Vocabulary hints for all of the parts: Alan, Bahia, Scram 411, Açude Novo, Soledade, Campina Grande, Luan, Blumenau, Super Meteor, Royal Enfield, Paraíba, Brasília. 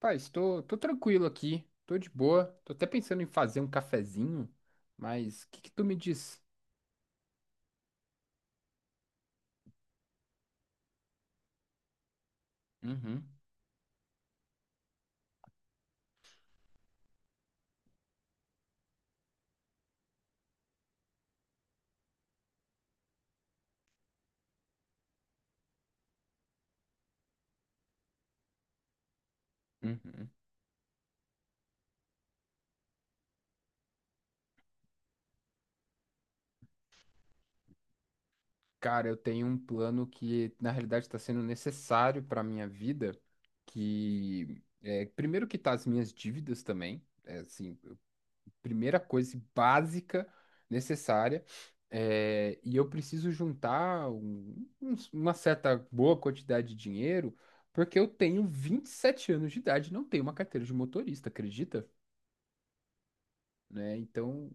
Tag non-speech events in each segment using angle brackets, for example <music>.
Paz, tô tranquilo aqui, tô de boa, tô até pensando em fazer um cafezinho, mas o que que tu me diz? Uhum, uhum. Cara, eu tenho um plano que na realidade está sendo necessário para minha vida, que é, primeiro quitar as minhas dívidas também, é, assim, primeira coisa assim, básica necessária. É, e eu preciso juntar uma certa boa quantidade de dinheiro, porque eu tenho 27 anos de idade e não tenho uma carteira de motorista, acredita? Né? Então,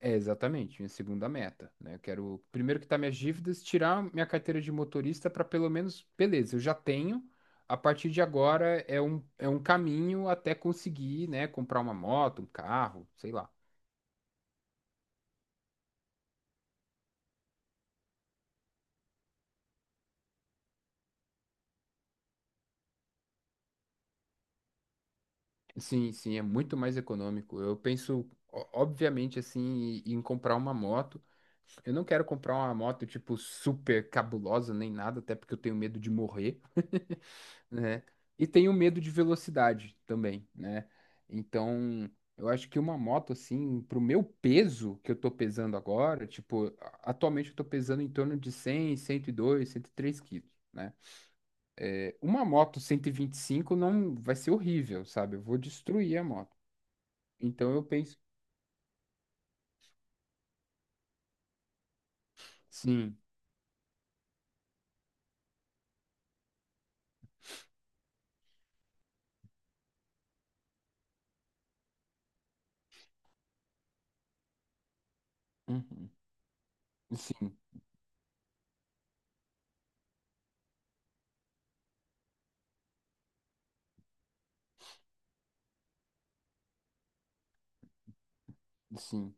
é exatamente minha segunda meta, né? Eu quero, primeiro que tá minhas dívidas, tirar minha carteira de motorista para pelo menos, beleza, eu já tenho. A partir de agora é um caminho até conseguir, né, comprar uma moto, um carro, sei lá. Sim, sim, é muito mais econômico. Eu penso, obviamente, assim, em comprar uma moto. Eu não quero comprar uma moto, tipo, super cabulosa nem nada, até porque eu tenho medo de morrer, <laughs> né? E tenho medo de velocidade também, né? Então, eu acho que uma moto, assim, pro meu peso que eu tô pesando agora, tipo, atualmente eu tô pesando em torno de 100, 102, 103 quilos, né? É, uma moto cento e vinte e cinco não vai ser horrível, sabe? Eu vou destruir a moto. Então eu penso, sim, uhum, sim, sim.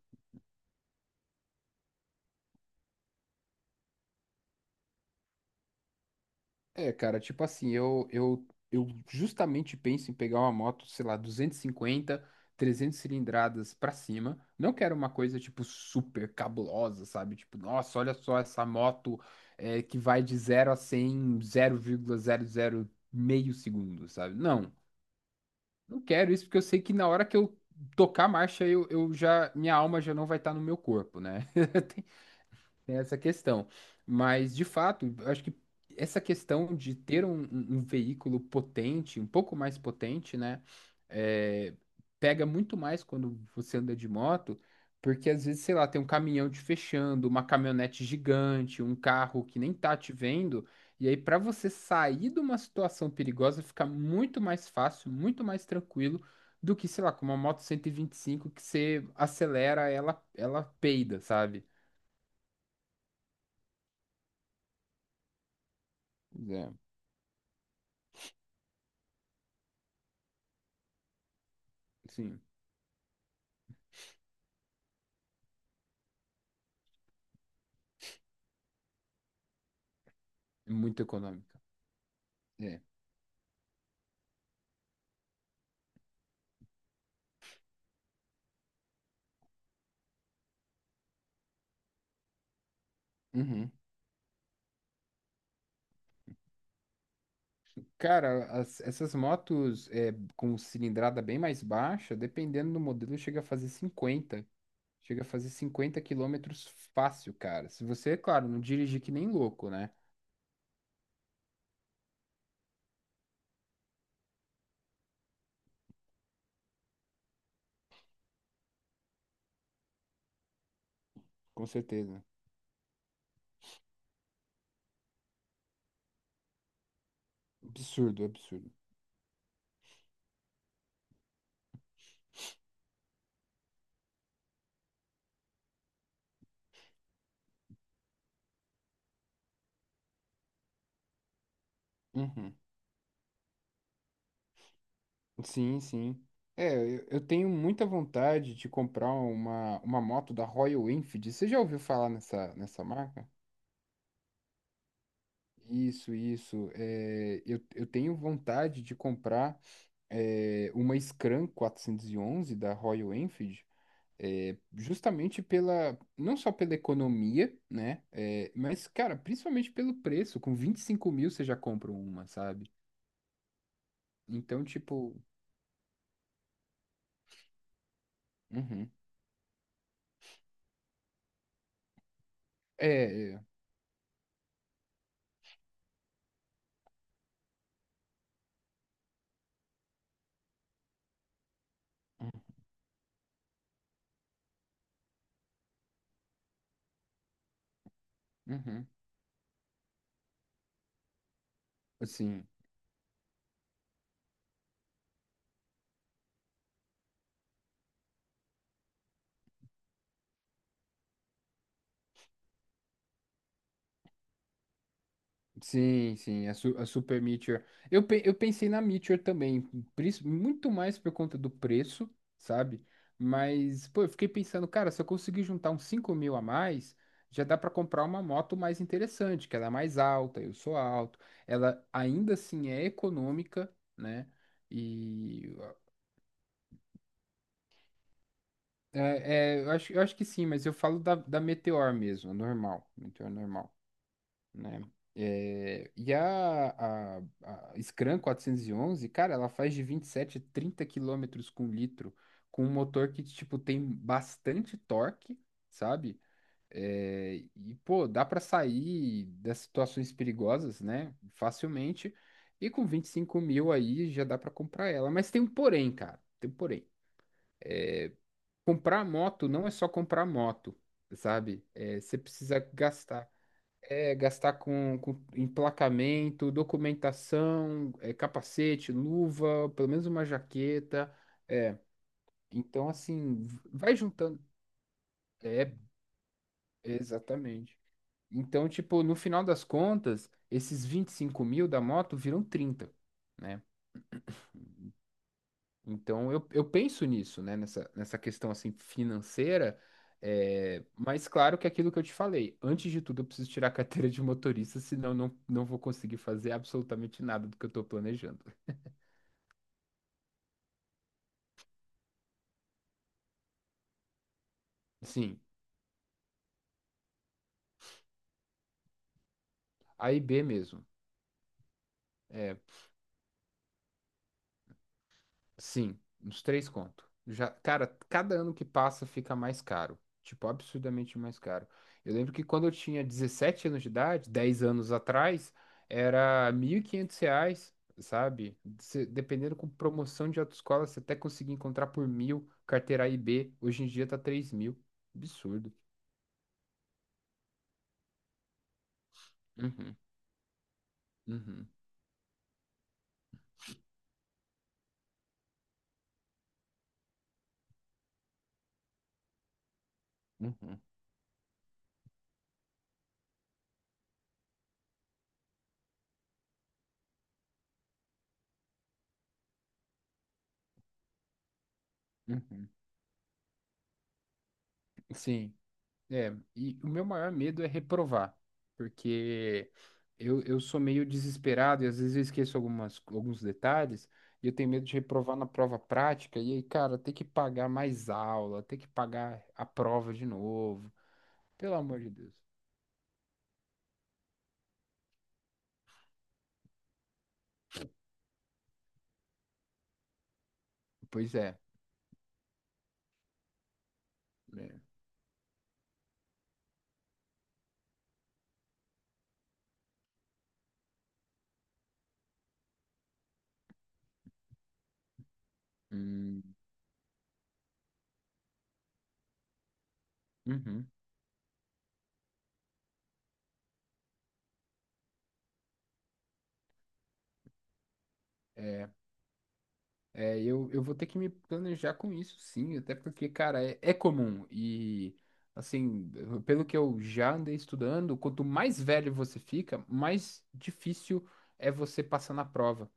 É, cara, tipo assim, eu justamente penso em pegar uma moto, sei lá, 250, 300 cilindradas pra cima. Não quero uma coisa, tipo, super cabulosa, sabe? Tipo, nossa, olha só essa moto é, que vai de 0 a 100 em zero vírgula zero zero meio segundo, sabe? Não, não quero isso porque eu sei que na hora que eu tocar a marcha, eu já, minha alma já não vai estar no meu corpo, né? <laughs> Tem essa questão. Mas, de fato, eu acho que essa questão de ter um veículo potente, um pouco mais potente, né? É, pega muito mais quando você anda de moto, porque às vezes, sei lá, tem um caminhão te fechando, uma caminhonete gigante, um carro que nem tá te vendo. E aí, para você sair de uma situação perigosa, fica muito mais fácil, muito mais tranquilo do que, sei lá, com uma moto cento e vinte e cinco que você acelera, ela peida, sabe? Sim, muito econômica. É. Uhum. Cara, essas motos é, com cilindrada bem mais baixa, dependendo do modelo, chega a fazer 50. Chega a fazer 50 quilômetros fácil, cara. Se você, é claro, não dirigir que nem louco, né? Com certeza. Absurdo, absurdo. Uhum. Sim, sim. É, eu tenho muita vontade de comprar uma moto da Royal Enfield. Você já ouviu falar nessa marca? Isso, isso. É, eu tenho vontade de comprar. É, uma Scram 411 da Royal Enfield, é, justamente pela, não só pela economia, né, é, mas, cara, principalmente pelo preço, com 25 mil você já compra uma, sabe? Então, tipo, uhum. É, uhum. Uhum. Assim, sim, sim, a Super Meteor. Eu pensei na Meteor também, muito mais por conta do preço, sabe? Mas, pô, eu fiquei pensando, cara, se eu conseguir juntar uns 5 mil a mais, já dá pra comprar uma moto mais interessante, que ela é mais alta, eu sou alto. Ela ainda assim é econômica, né? E eu acho que sim, mas eu falo da Meteor mesmo, a normal, Meteor normal. Né? É, e a Scram 411 cara, ela faz de 27 a 30 quilômetros com litro, com um motor que, tipo, tem bastante torque, sabe? É, e, pô, dá pra sair das situações perigosas, né? Facilmente. E com 25 mil aí já dá pra comprar ela. Mas tem um porém, cara. Tem um porém. É, comprar moto não é só comprar moto, sabe? É, você precisa gastar. É, gastar com emplacamento, documentação, é, capacete, luva, pelo menos uma jaqueta. É, então, assim, vai juntando. É, exatamente. Então, tipo, no final das contas, esses 25 mil da moto viram 30, né? Então eu penso nisso, né? Nessa questão assim financeira. É, mas claro que é aquilo que eu te falei, antes de tudo eu preciso tirar a carteira de motorista, senão eu não, não vou conseguir fazer absolutamente nada do que eu estou planejando. Sim, A e B mesmo. eh, Sim, uns 3 conto. Já, cara, cada ano que passa fica mais caro. Tipo, absurdamente mais caro. Eu lembro que quando eu tinha 17 anos de idade, 10 anos atrás, era R$ 1.500, sabe? Dependendo com promoção de autoescola, você até conseguia encontrar por 1.000, carteira A e B. Hoje em dia tá 3 mil. Absurdo. Uhum, uhum, uhum, uhum. Sim. É, e o meu maior medo é reprovar, porque eu sou meio desesperado e às vezes eu esqueço algumas, alguns detalhes e eu tenho medo de reprovar na prova prática e aí, cara, ter que pagar mais aula, ter que pagar a prova de novo, pelo amor de Deus. Pois é, né? Hum, uhum. É, eu vou ter que me planejar com isso, sim, até porque, cara, é comum. E, assim, pelo que eu já andei estudando, quanto mais velho você fica, mais difícil é você passar na prova.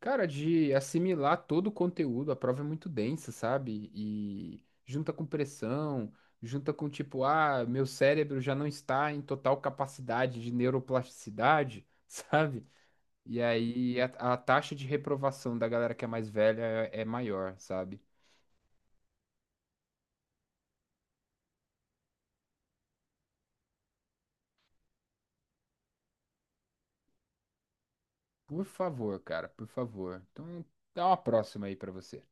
Cara, de assimilar todo o conteúdo, a prova é muito densa, sabe? E junta com pressão, junta com tipo, ah, meu cérebro já não está em total capacidade de neuroplasticidade, <laughs> sabe? E aí a taxa de reprovação da galera que é mais velha é maior, sabe? Por favor, cara, por favor. Então, dá uma próxima aí pra você.